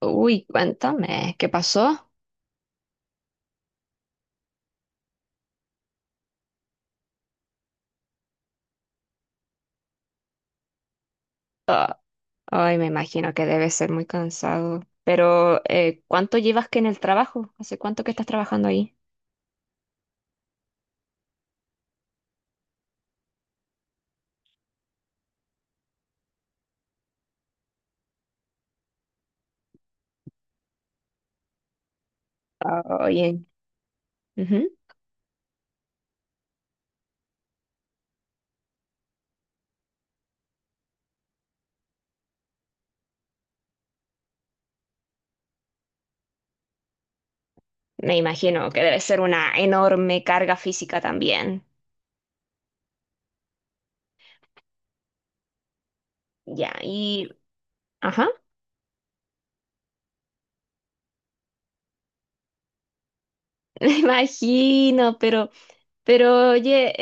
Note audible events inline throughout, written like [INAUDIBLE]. Uy, cuéntame, ¿qué pasó? Ay, me imagino que debe ser muy cansado. Pero, ¿cuánto llevas que en el trabajo? ¿Hace cuánto que estás trabajando ahí? Oye, ujú. Me imagino que debe ser una enorme carga física también. Ya, Ajá, [LAUGHS] me imagino, pero oye,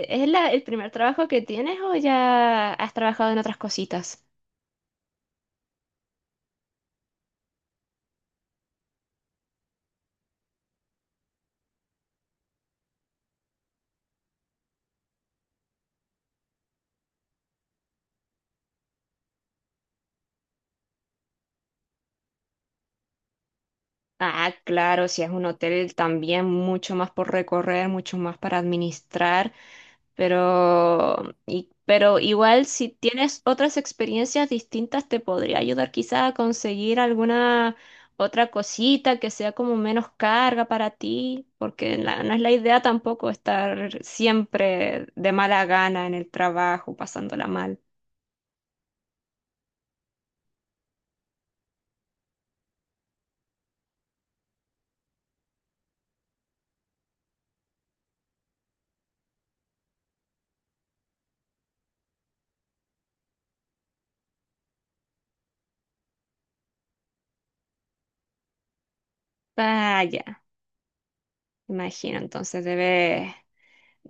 ¿el primer trabajo que tienes o ya has trabajado en otras cositas? Ah, claro, si es un hotel también mucho más por recorrer, mucho más para administrar, pero, pero igual si tienes otras experiencias distintas te podría ayudar quizás a conseguir alguna otra cosita que sea como menos carga para ti, porque no es la idea tampoco estar siempre de mala gana en el trabajo, pasándola mal. Vaya, imagino,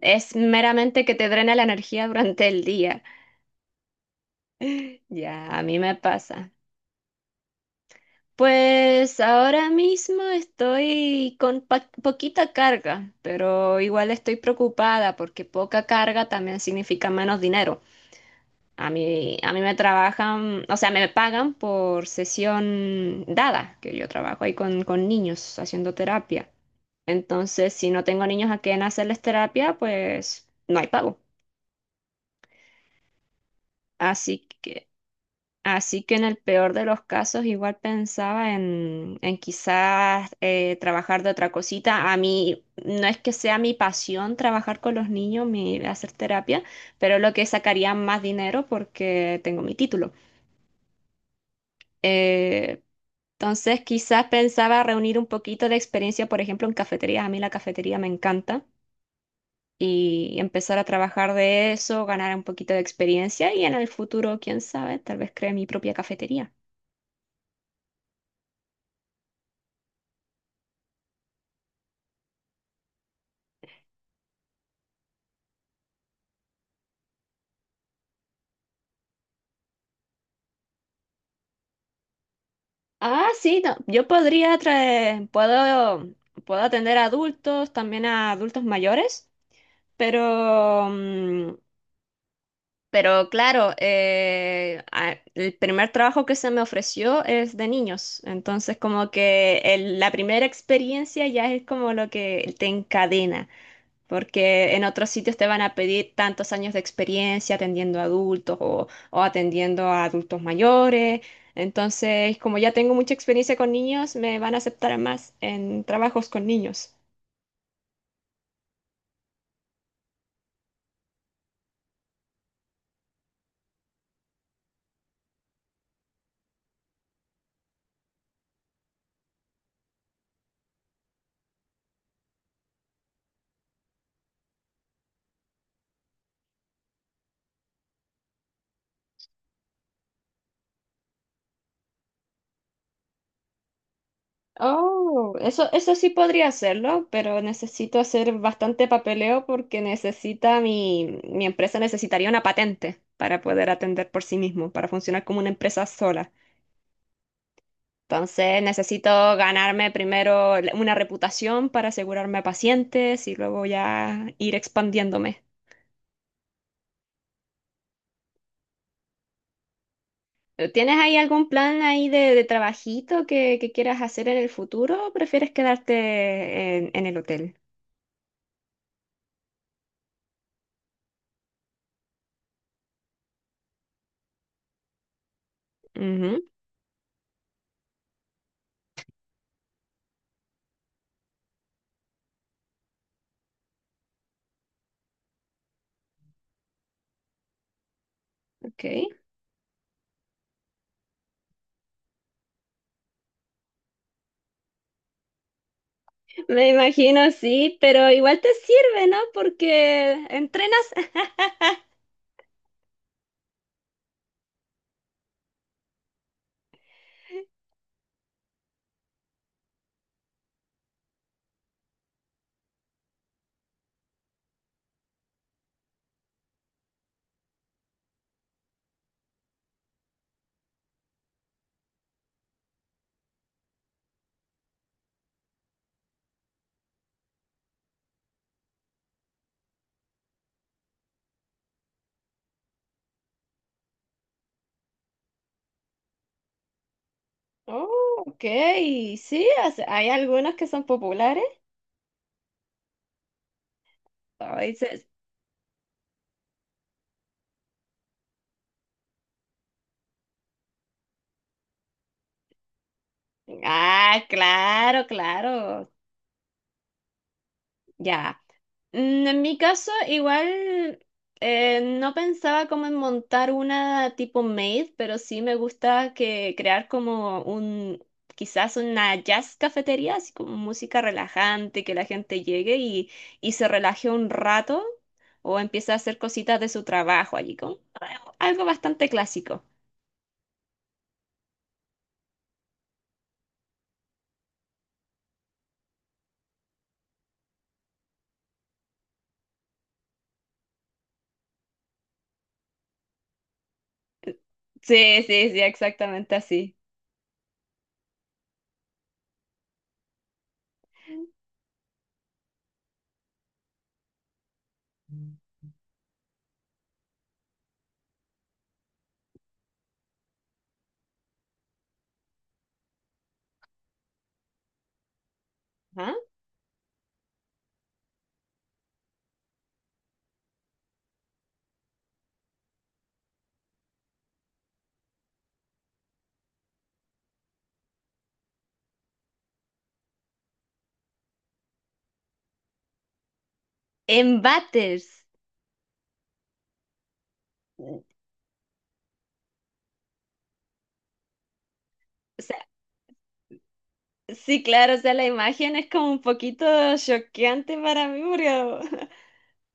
Es meramente que te drena la energía durante el día. Ya, a mí me pasa. Pues ahora mismo estoy con poquita carga, pero igual estoy preocupada porque poca carga también significa menos dinero. A mí me trabajan, o sea, me pagan por sesión dada, que yo trabajo ahí con niños haciendo terapia. Entonces, si no tengo niños a quien hacerles terapia, pues no hay pago. Así que Así que en el peor de los casos igual pensaba en quizás trabajar de otra cosita. A mí no es que sea mi pasión trabajar con los niños, hacer terapia, pero es lo que sacaría más dinero porque tengo mi título. Eh, entonces quizás pensaba reunir un poquito de experiencia, por ejemplo, en cafeterías. A mí la cafetería me encanta y empezar a trabajar de eso, ganar un poquito de experiencia y en el futuro, quién sabe, tal vez cree mi propia cafetería. Ah, sí, no, yo podría puedo, puedo atender a adultos, también a adultos mayores, pero, mm, pero claro, el primer trabajo que se me ofreció es de niños, entonces como que la primera experiencia ya es como lo que te encadena porque en otros sitios te van a pedir tantos años de experiencia atendiendo a adultos o atendiendo a adultos mayores. Entonces, como ya tengo mucha experiencia con niños, me van a aceptar más en trabajos con niños. Oh, eso sí podría hacerlo, pero necesito hacer bastante papeleo porque mi empresa necesitaría una patente para poder atender por sí mismo, para funcionar como una empresa sola. Entonces necesito ganarme primero una reputación para asegurarme a pacientes y luego ya ir expandiéndome. ¿Tienes ahí algún plan ahí de trabajito que quieras hacer en el futuro o prefieres quedarte en el hotel? Ujú, ok. Me imagino, sí, pero igual te sirve, ¿no? Porque entrenas. [LAUGHS] Oh, ok, sí, o sea, hay algunos que son populares. Ay, se- Ah, claro, claro. Ya. En mi caso, igual no pensaba como en montar una tipo maid, pero sí me gusta que crear como quizás una jazz cafetería, así como música relajante, que la gente llegue y se relaje un rato o empiece a hacer cositas de su trabajo allí, como algo bastante clásico. Sí, sí, sí, exactamente así. Ajá. En Batters. Sí, claro, o sea, la imagen es como un poquito choqueante para mí, [LAUGHS]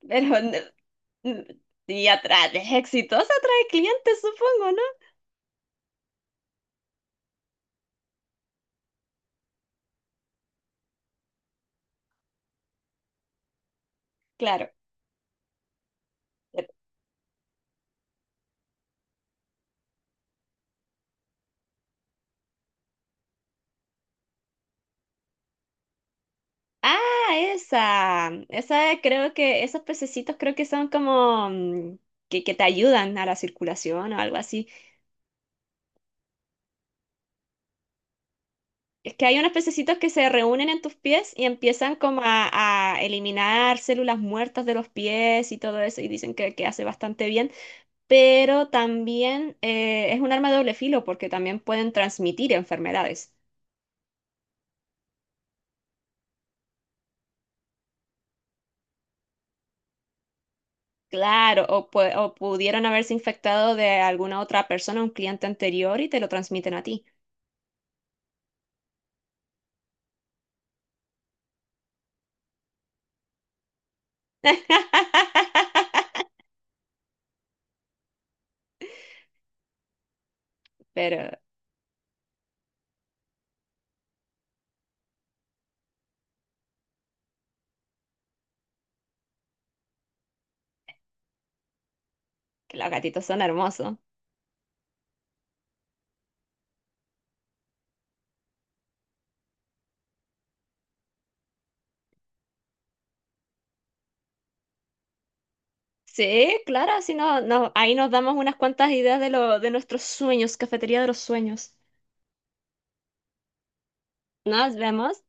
pero no- n- y atrás, es exitosa, atrae clientes, supongo, ¿no? Claro. Ah, esa creo esos pececitos creo que son como que te ayudan a la circulación o algo así. Es que hay unos pececitos que se reúnen en tus pies y empiezan como a eliminar células muertas de los pies y todo eso, y dicen que hace bastante bien. Pero también es un arma de doble filo porque también pueden transmitir enfermedades. Claro, o pudieran haberse infectado de alguna otra persona, un cliente anterior, y te lo transmiten a ti. [LAUGHS] Pero que los gatitos son hermosos. Sí, claro, si no, no, ahí nos damos unas cuantas ideas de de nuestros sueños, cafetería de los sueños. Nos vemos.